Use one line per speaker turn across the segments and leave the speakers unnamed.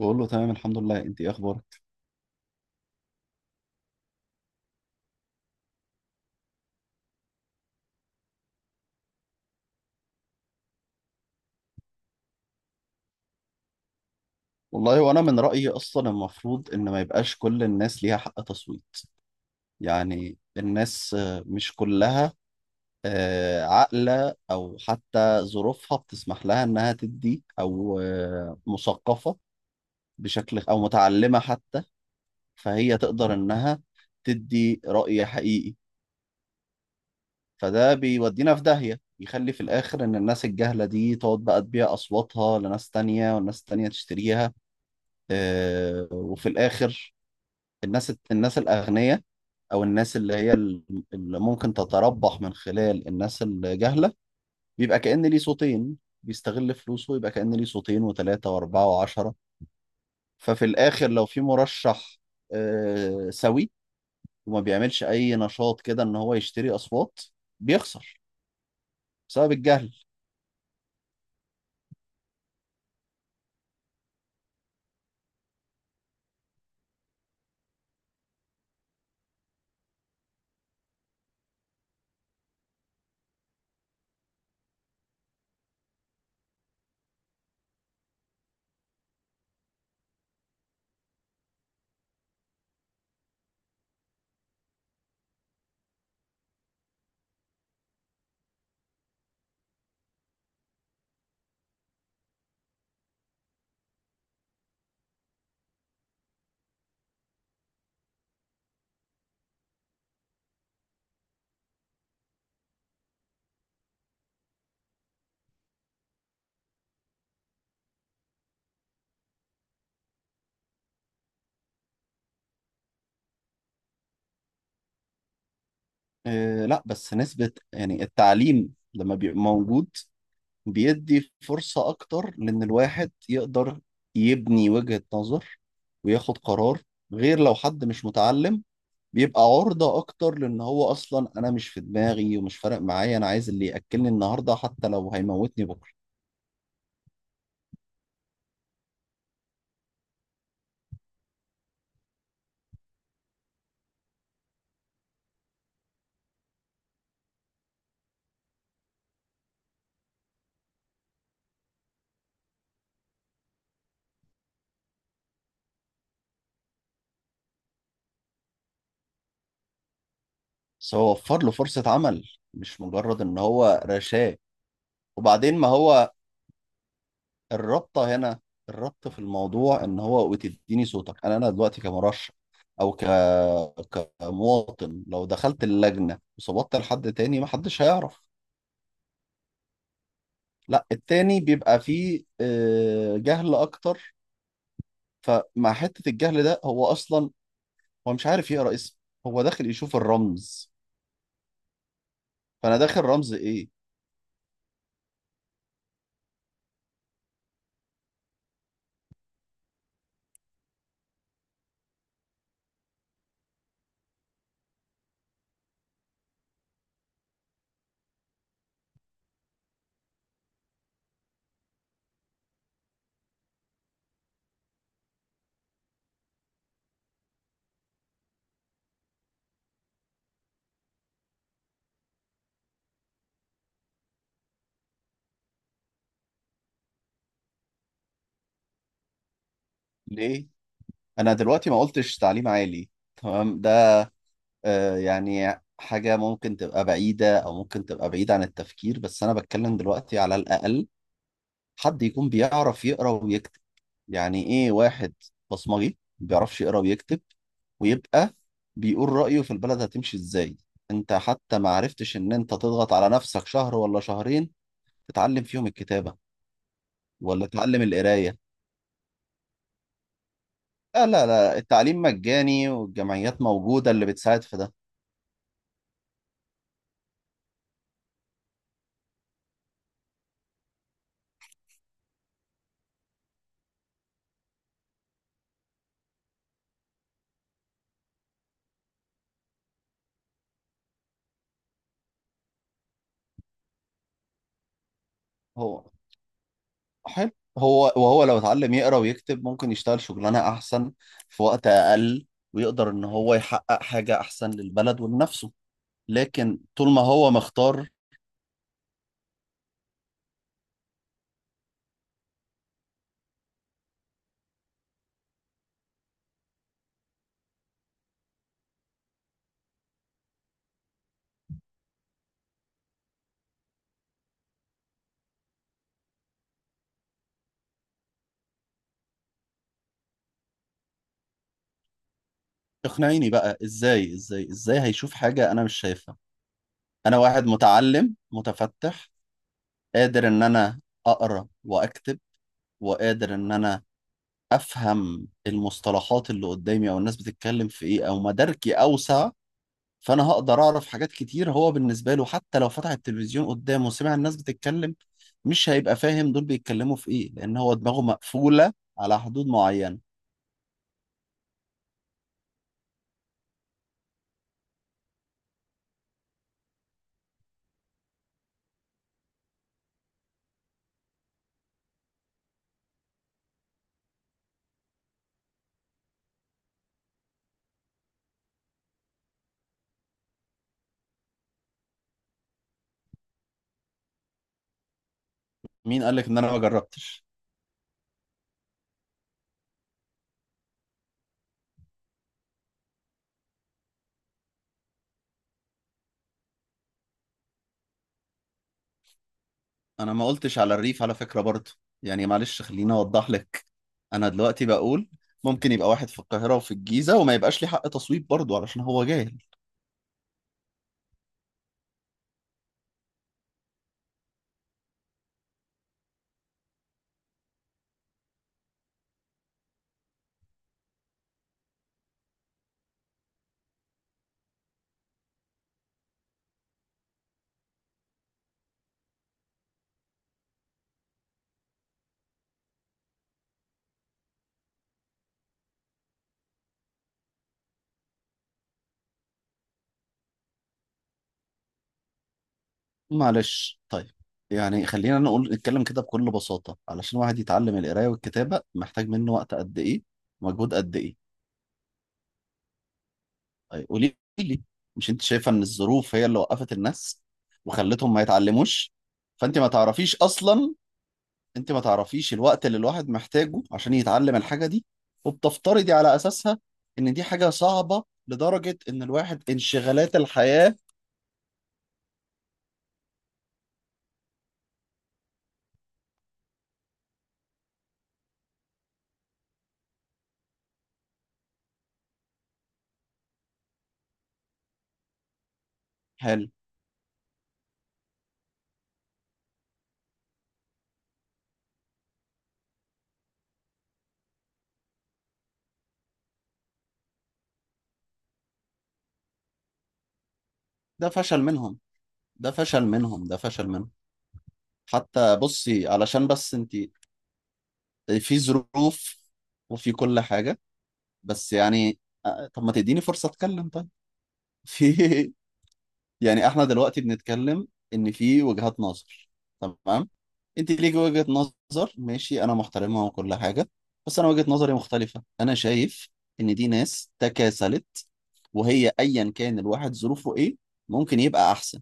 بقول له تمام، الحمد لله، انت ايه اخبارك؟ والله وانا من رايي اصلا المفروض ان ما يبقاش كل الناس ليها حق تصويت. يعني الناس مش كلها، عاقله او حتى ظروفها بتسمح لها انها تدي او مثقفه بشكل او متعلمه حتى، فهي تقدر انها تدي راي حقيقي. فده بيودينا في داهيه، يخلي في الاخر ان الناس الجهله دي تقعد بقى تبيع اصواتها لناس تانية والناس تانية تشتريها. وفي الآخر الناس الأغنياء أو الناس اللي هي اللي ممكن تتربح من خلال الناس الجهلة بيبقى كأن ليه صوتين. بيستغل فلوسه يبقى كأن ليه صوتين وثلاثة وأربعة وعشرة. ففي الآخر لو في مرشح سوي وما بيعملش أي نشاط كده إن هو يشتري أصوات، بيخسر بسبب الجهل. لا، بس نسبة يعني التعليم لما بيبقى موجود بيدي فرصة أكتر، لأن الواحد يقدر يبني وجهة نظر وياخد قرار، غير لو حد مش متعلم بيبقى عرضة أكتر. لأن هو أصلا أنا مش في دماغي ومش فارق معايا، أنا عايز اللي يأكلني النهاردة حتى لو هيموتني بكرة. بس هو وفر له فرصة عمل، مش مجرد إن هو رشاه. وبعدين ما هو الربطة هنا، الربط في الموضوع ان هو بتديني صوتك، انا دلوقتي كمرشح او كمواطن لو دخلت اللجنة وصوتت لحد تاني ما حدش هيعرف. لا، التاني بيبقى فيه جهل اكتر، فمع حتة الجهل ده هو اصلا هو مش عارف يقرأ اسم، هو داخل يشوف الرمز، فانا داخل رمز ايه؟ ليه؟ انا دلوقتي ما قلتش تعليم عالي، تمام ده يعني حاجة ممكن تبقى بعيدة أو ممكن تبقى بعيدة عن التفكير، بس أنا بتكلم دلوقتي على الأقل حد يكون بيعرف يقرأ ويكتب. يعني إيه واحد بصمجي ما بيعرفش يقرأ ويكتب ويبقى بيقول رأيه في البلد هتمشي إزاي؟ أنت حتى ما عرفتش إن أنت تضغط على نفسك شهر ولا شهرين تتعلم فيهم الكتابة ولا تتعلم القراية. لا لا لا، التعليم مجاني والجمعيات موجودة اللي بتساعد في ده. هو حلو، هو لو اتعلم يقرا ويكتب ممكن يشتغل شغلانه احسن في وقت اقل، ويقدر ان هو يحقق حاجه احسن للبلد ولنفسه. لكن طول ما هو مختار، اقنعيني بقى، ازاي هيشوف حاجه انا مش شايفها؟ انا واحد متعلم متفتح، قادر ان انا اقرا واكتب، وقادر ان انا افهم المصطلحات اللي قدامي او الناس بتتكلم في ايه، او مداركي اوسع، فانا هقدر اعرف حاجات كتير. هو بالنسبه له حتى لو فتح التلفزيون قدامه وسمع الناس بتتكلم مش هيبقى فاهم دول بيتكلموا في ايه، لان هو دماغه مقفوله على حدود معينه. مين قال لك ان انا ما جربتش؟ انا ما قلتش على الريف على فكره برضه، يعني معلش خليني اوضح لك. انا دلوقتي بقول ممكن يبقى واحد في القاهره وفي الجيزه وما يبقاش لي حق تصويت برضه علشان هو جاهل. معلش، طيب، يعني خلينا نقول نتكلم كده بكل بساطه، علشان واحد يتعلم القرايه والكتابه محتاج منه وقت قد ايه؟ مجهود قد ايه؟ طيب قولي لي، مش انت شايفه ان الظروف هي اللي وقفت الناس وخلتهم ما يتعلموش؟ فانت ما تعرفيش اصلا، انت ما تعرفيش الوقت اللي الواحد محتاجه عشان يتعلم الحاجه دي، وبتفترضي على اساسها ان دي حاجه صعبه لدرجه ان الواحد انشغالات الحياه. حلو، ده فشل منهم، ده فشل منهم، ده فشل منهم. حتى بصي، علشان بس انت في ظروف وفي كل حاجه، بس يعني طب ما تديني فرصه اتكلم طيب؟ في، يعني احنا دلوقتي بنتكلم ان في وجهات نظر، تمام، انت ليك وجهة نظر، ماشي، انا محترمها وكل حاجة، بس انا وجهة نظري مختلفة، انا شايف ان دي ناس تكاسلت، وهي ايا كان الواحد ظروفه ايه ممكن يبقى احسن.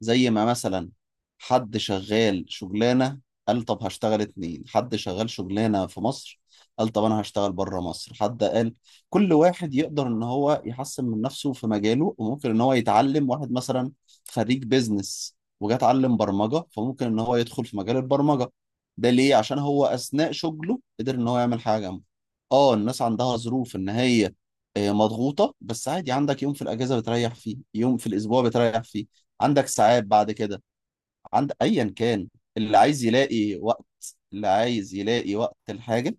زي ما مثلا حد شغال شغلانة قال طب هشتغل اتنين، حد شغال شغلانة في مصر قال طب أنا هشتغل بره مصر، حد قال كل واحد يقدر إن هو يحسن من نفسه في مجاله، وممكن إن هو يتعلم. واحد مثلا خريج بيزنس وجا اتعلم برمجة، فممكن إن هو يدخل في مجال البرمجة. ده ليه؟ عشان هو أثناء شغله قدر إن هو يعمل حاجة جنبه. الناس عندها ظروف إن هي مضغوطة، بس عادي، عندك يوم في الأجازة بتريح فيه، يوم في الأسبوع بتريح فيه، عندك ساعات بعد كده، عند ايا كان، اللي عايز يلاقي وقت اللي عايز يلاقي وقت الحاجة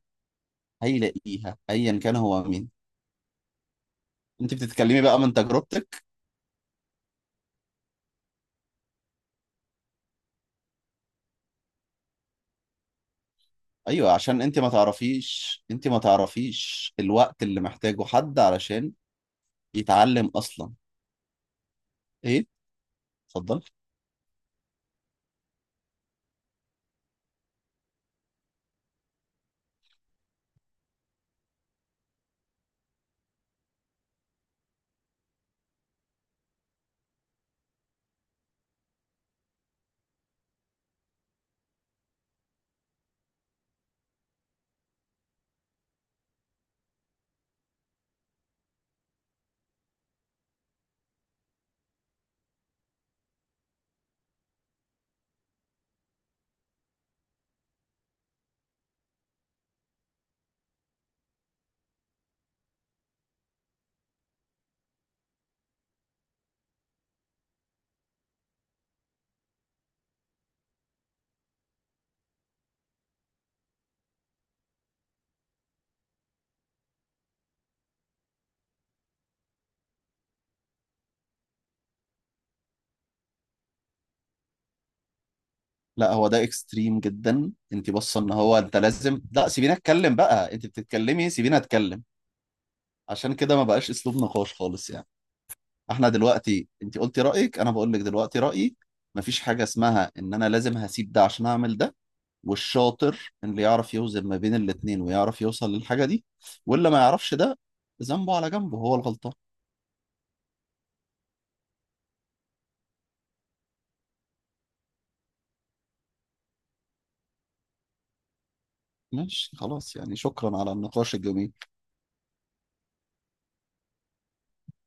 هيلاقيها ايا كان هو مين. انت بتتكلمي بقى من تجربتك، ايوه عشان انت ما تعرفيش الوقت اللي محتاجه حد علشان يتعلم اصلا. ايه؟ اتفضل. لا، هو ده اكستريم جدا، انت بصه ان هو انت لازم، لا سيبيني اتكلم بقى، انت بتتكلمي سيبيني اتكلم، عشان كده ما بقاش اسلوب نقاش خالص يعني. احنا دلوقتي انت قلتي رأيك، انا بقول لك دلوقتي رأيي، مفيش حاجة اسمها ان انا لازم هسيب ده عشان اعمل ده، والشاطر اللي يعرف يوزن ما بين الاتنين ويعرف يوصل للحاجة دي، واللي ما يعرفش ده ذنبه على جنبه هو الغلطان. ماشي، خلاص يعني، شكرا على النقاش الجميل.